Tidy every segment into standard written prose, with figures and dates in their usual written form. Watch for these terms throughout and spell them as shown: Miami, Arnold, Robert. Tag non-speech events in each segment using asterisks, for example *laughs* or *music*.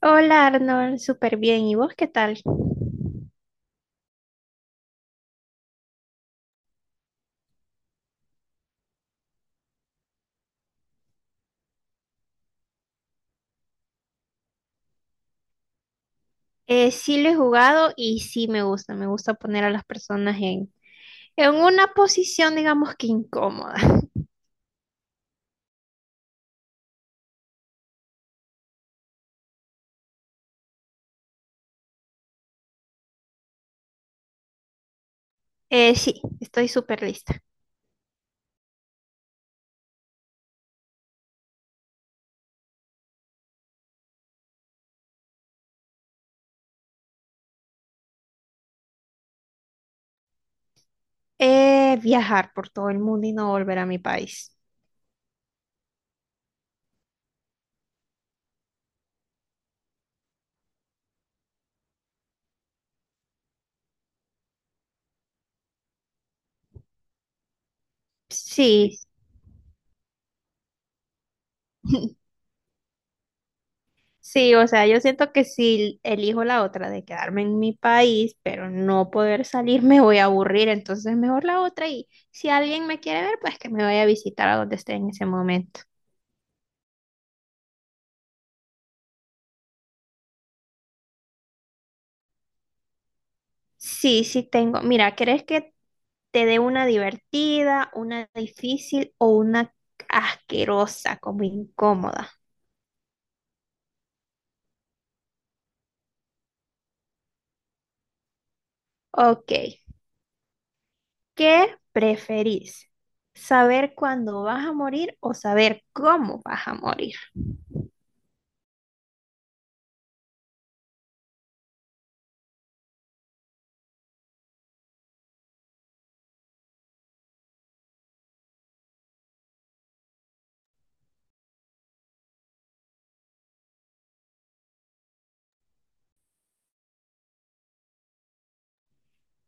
Hola Arnold, súper bien. ¿Y vos qué tal? Sí lo he jugado y sí me gusta. Me gusta poner a las personas en una posición, digamos que incómoda. *laughs* Sí, estoy súper lista. Viajar por todo el mundo y no volver a mi país. Sí, *laughs* sí, o sea, yo siento que si elijo la otra de quedarme en mi país, pero no poder salir, me voy a aburrir. Entonces mejor la otra y si alguien me quiere ver, pues que me vaya a visitar a donde esté en ese momento. Sí, sí tengo. Mira, ¿querés que te dé una divertida, una difícil o una asquerosa, como incómoda? Ok, ¿qué preferís? ¿Saber cuándo vas a morir o saber cómo vas a morir?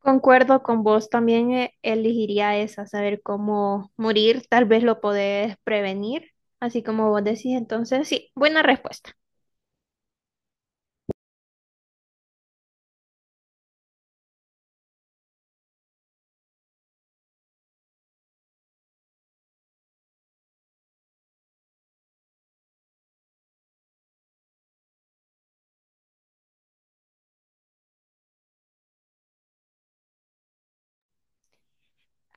Concuerdo con vos, también elegiría esa, saber cómo morir, tal vez lo podés prevenir, así como vos decís, entonces sí, buena respuesta.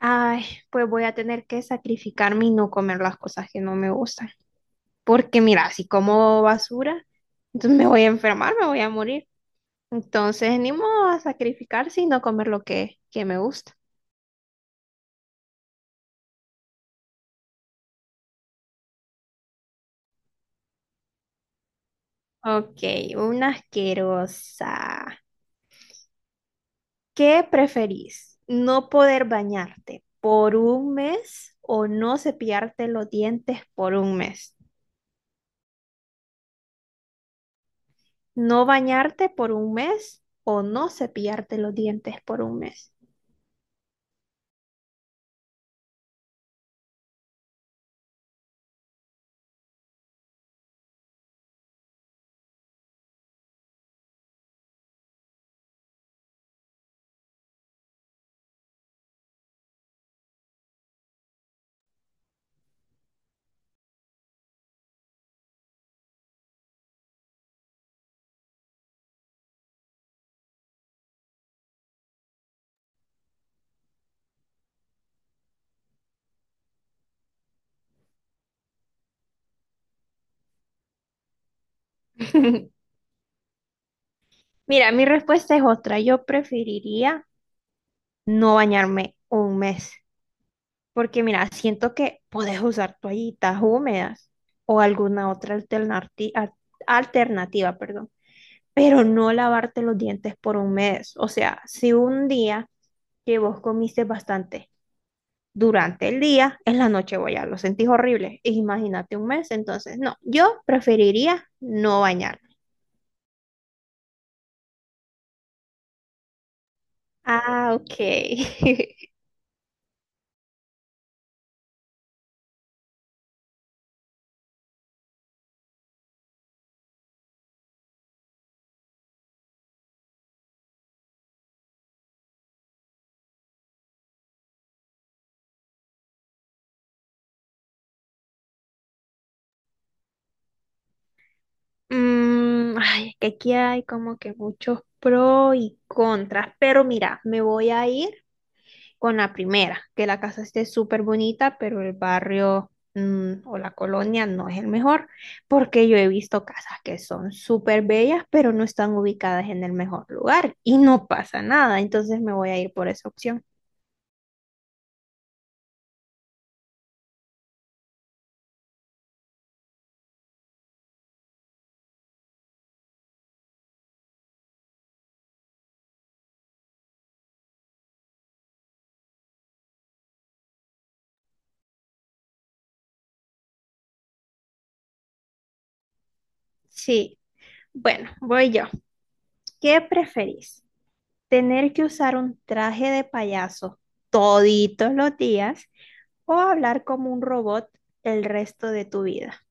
Ay, pues voy a tener que sacrificarme y no comer las cosas que no me gustan. Porque mira, si como basura, entonces me voy a enfermar, me voy a morir. Entonces, ni modo a sacrificarse y no comer que me gusta. Ok, una asquerosa. ¿Qué preferís? ¿No poder bañarte por un mes o no cepillarte los dientes por un mes? ¿No bañarte por un mes o no cepillarte los dientes por un mes? *laughs* Mira, mi respuesta es otra. Yo preferiría no bañarme un mes, porque mira, siento que puedes usar toallitas húmedas o alguna otra alternativa, perdón, pero no lavarte los dientes por un mes. O sea, si un día que vos comiste bastante durante el día, en la noche voy a lo sentís horrible. Imagínate un mes, entonces no, yo preferiría no bañarme. Ah, ok. *laughs* Ay, es que aquí hay como que muchos pros y contras, pero mira, me voy a ir con la primera, que la casa esté súper bonita, pero el barrio o la colonia no es el mejor, porque yo he visto casas que son súper bellas, pero no están ubicadas en el mejor lugar y no pasa nada, entonces me voy a ir por esa opción. Sí, bueno, voy yo. ¿Qué preferís? ¿Tener que usar un traje de payaso toditos los días? O hablar como un robot el resto de tu vida.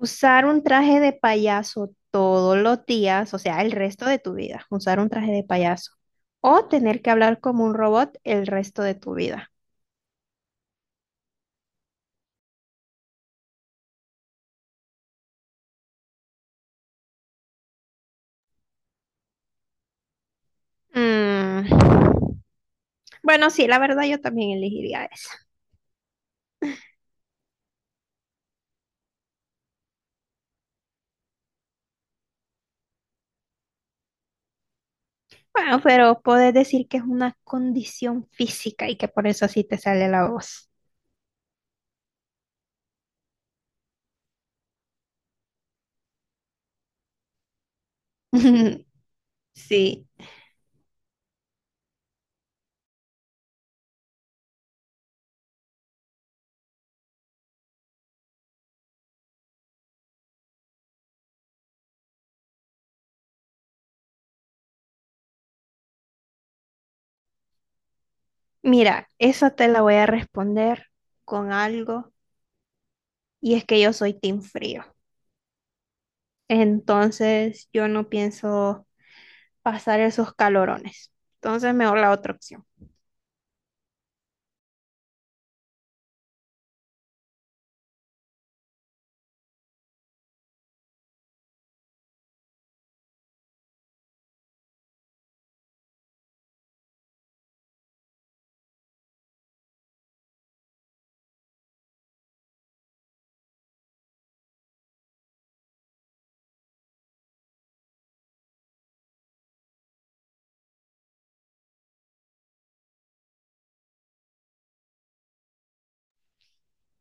Usar un traje de payaso todos los días, o sea, el resto de tu vida, usar un traje de payaso. O tener que hablar como un robot el resto de tu vida. Mm. Bueno, sí, la verdad yo también elegiría esa. Bueno, pero puedes decir que es una condición física y que por eso así te sale la voz. *laughs* Sí, mira, esa te la voy a responder con algo y es que yo soy team frío. Entonces yo no pienso pasar esos calorones. Entonces mejor la otra opción.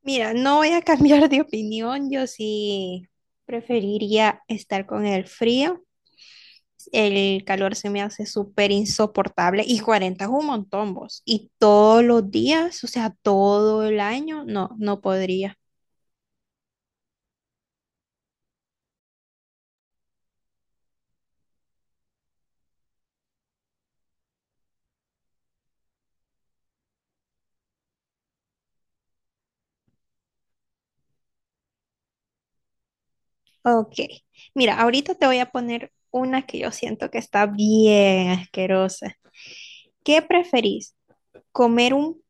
Mira, no voy a *laughs* cambiar de opinión. Yo sí preferiría estar con el frío. El calor se me hace súper insoportable y 40 es un montón, vos. Y todos los días, o sea, todo el año, no, no podría. Ok, mira, ahorita te voy a poner una que yo siento que está bien asquerosa. ¿Qué preferís? ¿Comer un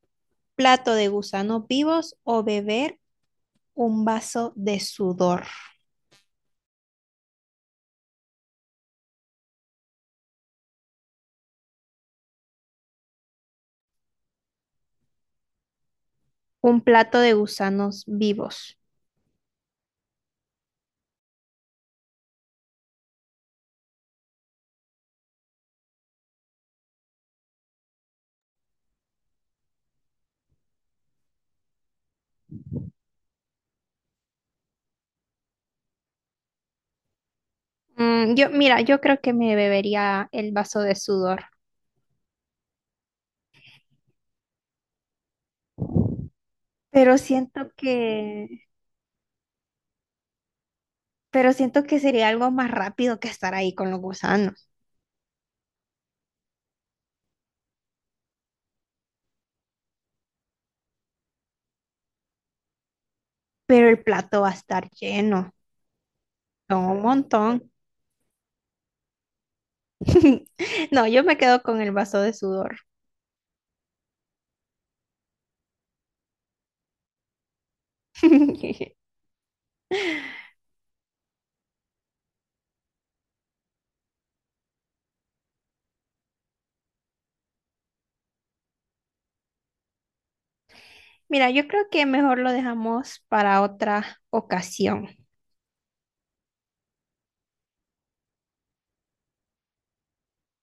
plato de gusanos vivos o beber un vaso de sudor? Un plato de gusanos vivos. Mira, yo creo que me bebería el vaso de sudor, pero siento que, pero siento que sería algo más rápido que estar ahí con los gusanos. Pero el plato va a estar lleno, son un montón. *laughs* No, yo me quedo con el vaso de sudor. *laughs* Mira, yo creo que mejor lo dejamos para otra ocasión.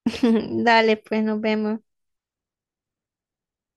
*laughs* Dale, pues nos vemos.